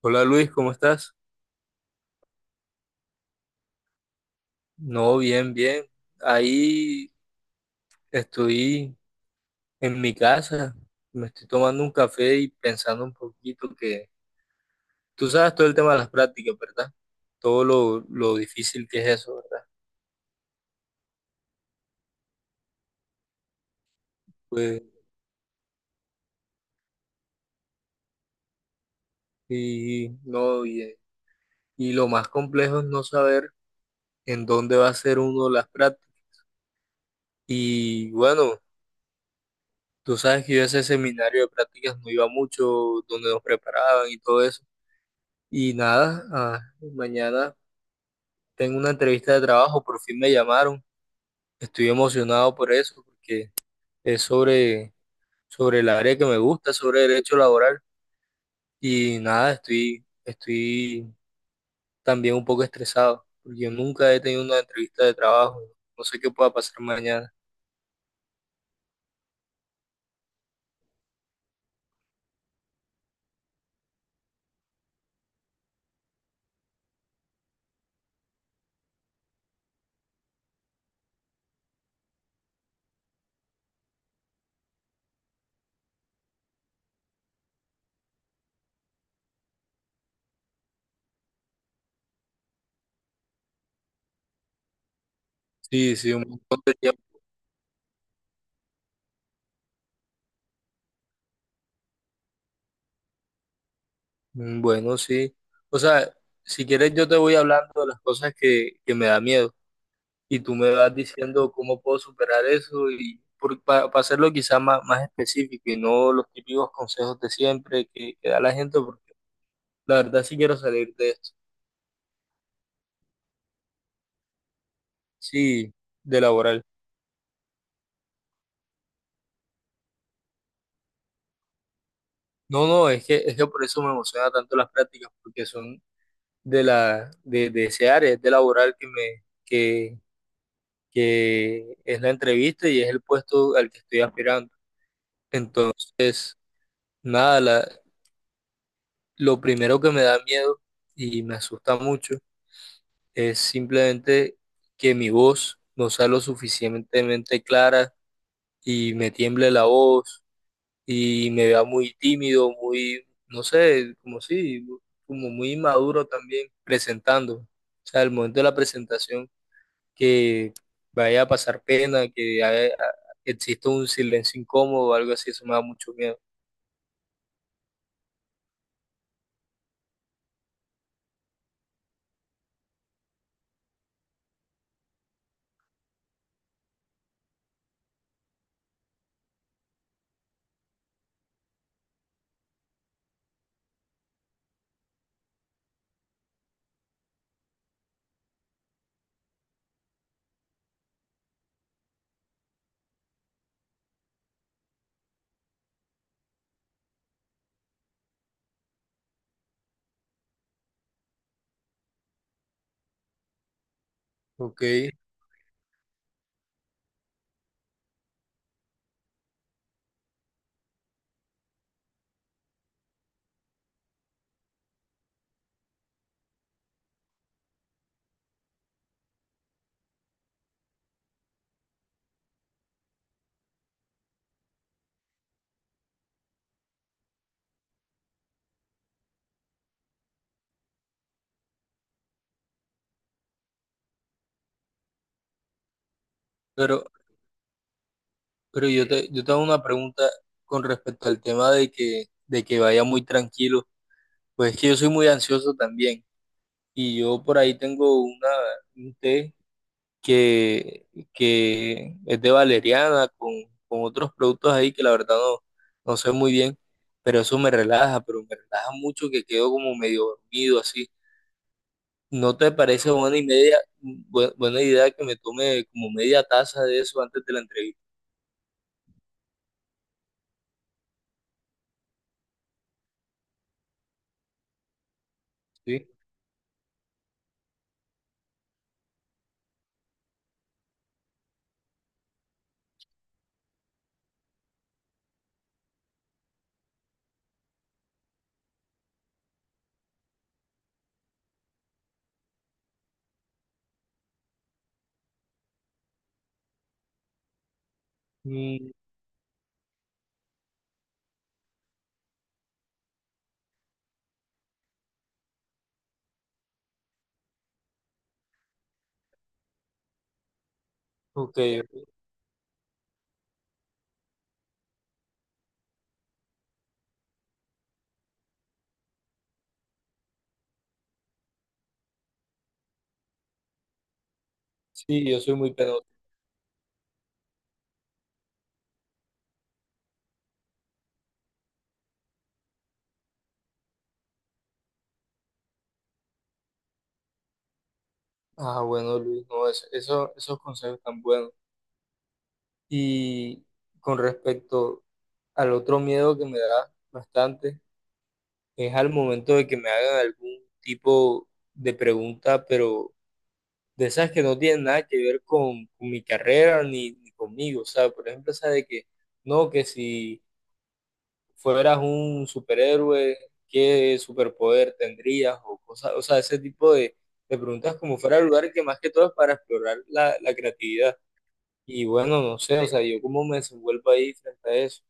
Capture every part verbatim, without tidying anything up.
Hola Luis, ¿cómo estás? No, bien, bien. Ahí estoy en mi casa, me estoy tomando un café y pensando un poquito que tú sabes todo el tema de las prácticas, ¿verdad? Todo lo, lo difícil que es eso, ¿verdad? Pues, y no, y, y lo más complejo es no saber en dónde va a ser uno las prácticas. Y bueno, tú sabes que yo a ese seminario de prácticas no iba mucho, donde nos preparaban y todo eso. Y nada, ah, mañana. Tengo una entrevista de trabajo, por fin me llamaron. Estoy emocionado por eso, porque es sobre, sobre el área que me gusta, sobre derecho laboral. Y nada, estoy, estoy también un poco estresado, porque yo nunca he tenido una entrevista de trabajo. No sé qué pueda pasar mañana. Sí, sí, un montón de tiempo. Mm. Bueno, sí. O sea, si quieres yo te voy hablando de las cosas que, que me da miedo, y tú me vas diciendo cómo puedo superar eso y para hacerlo quizá más, más específico y no los típicos consejos de siempre que, que da la gente, porque la verdad sí quiero salir de esto, sí, de laboral. No, no, es que, es que por eso me emociona tanto las prácticas, porque son de la, de, de ese área, es de laboral que me, que, que es la entrevista y es el puesto al que estoy aspirando. Entonces, nada, la- lo primero que me da miedo y me asusta mucho es simplemente que mi voz no sea lo suficientemente clara y me tiemble la voz y me vea muy tímido, muy, no sé, como si, como muy inmaduro también presentando. O sea, el momento de la presentación que vaya a pasar pena, que haya- exista un silencio incómodo o algo así, eso me da mucho miedo. Ok, pero, pero yo te, yo te hago una pregunta con respecto al tema de que, de que vaya muy tranquilo. Pues es que yo soy muy ansioso también y yo por ahí tengo una, un té que, que es de valeriana con, con otros productos ahí que la verdad no, no sé muy bien, pero eso me relaja, pero me relaja mucho que quedo como medio dormido así. ¿No te parece buena y media, bu- buena idea que me tome como media taza de eso antes de la entrevista? Sí. Mm, ok, ok. Sí, yo soy muy penoso. Ah, bueno, Luis, no, es- eso, esos consejos tan buenos. Y con respecto al otro miedo que me da bastante, es al momento de que me hagan algún tipo de pregunta, pero de esas que no tienen nada que ver con, con mi carrera ni, ni conmigo. O sea, por ejemplo, esa de que no, que si fueras un superhéroe, ¿qué superpoder tendrías? O cosas, o sea, ese tipo de, de preguntas como fuera el lugar que más que todo es para explorar la, la creatividad. Y bueno, no sé, o sea, yo cómo me desenvuelvo ahí frente a eso.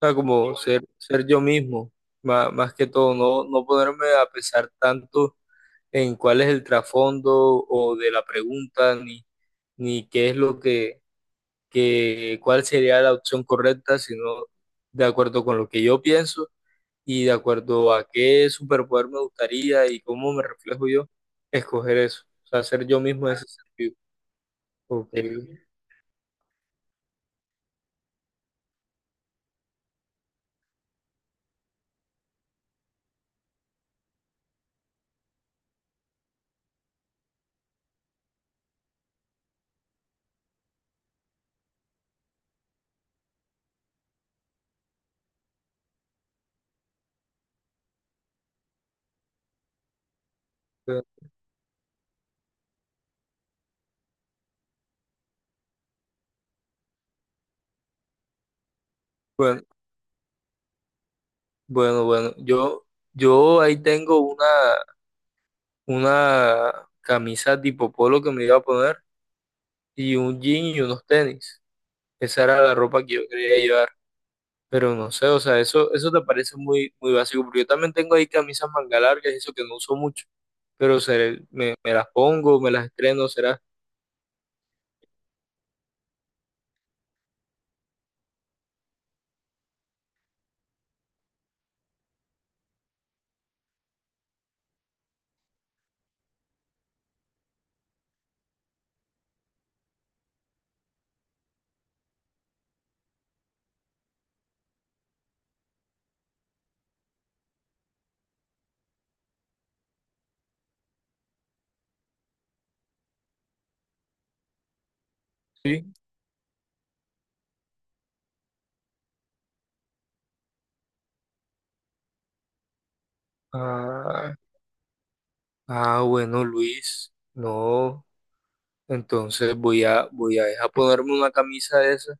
O sea, como ser, ser yo mismo, ma- más que todo, no, no ponerme a pensar tanto en cuál es el trasfondo o de la pregunta, ni, ni qué es lo que, que, cuál sería la opción correcta, sino de acuerdo con lo que yo pienso y de acuerdo a qué superpoder me gustaría y cómo me reflejo yo, escoger eso. O sea, ser yo mismo en ese sentido. Ok. Bueno, bueno, bueno, yo, yo ahí tengo una una camisa tipo polo que me iba a poner y un jean y unos tenis. Esa era la ropa que yo quería llevar. Pero no sé, o sea, eso, eso te parece muy, muy básico, porque yo también tengo ahí camisas manga largas y eso que no uso mucho, pero se, me, me las pongo, me las estreno, será. Sí. Ah, ah, bueno, Luis, no. Entonces voy a, voy a dejar ponerme una camisa de esa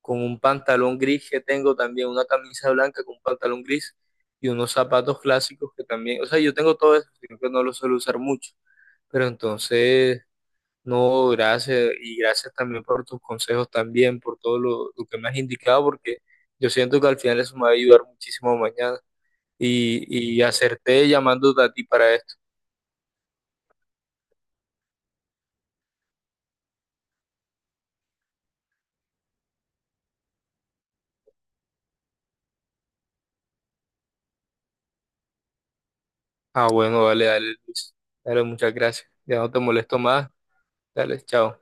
con un pantalón gris que tengo también, una camisa blanca con un pantalón gris y unos zapatos clásicos que también, o sea, yo tengo todo eso, sino que no lo suelo usar mucho, pero entonces, no, gracias y gracias también por tus consejos también, por todo lo, lo que me has indicado, porque yo siento que al final eso me va a ayudar muchísimo mañana y, y acerté llamándote a ti para esto. Ah, bueno, dale, dale, Luis. Dale, muchas gracias. Ya no te molesto más. Dale, chao.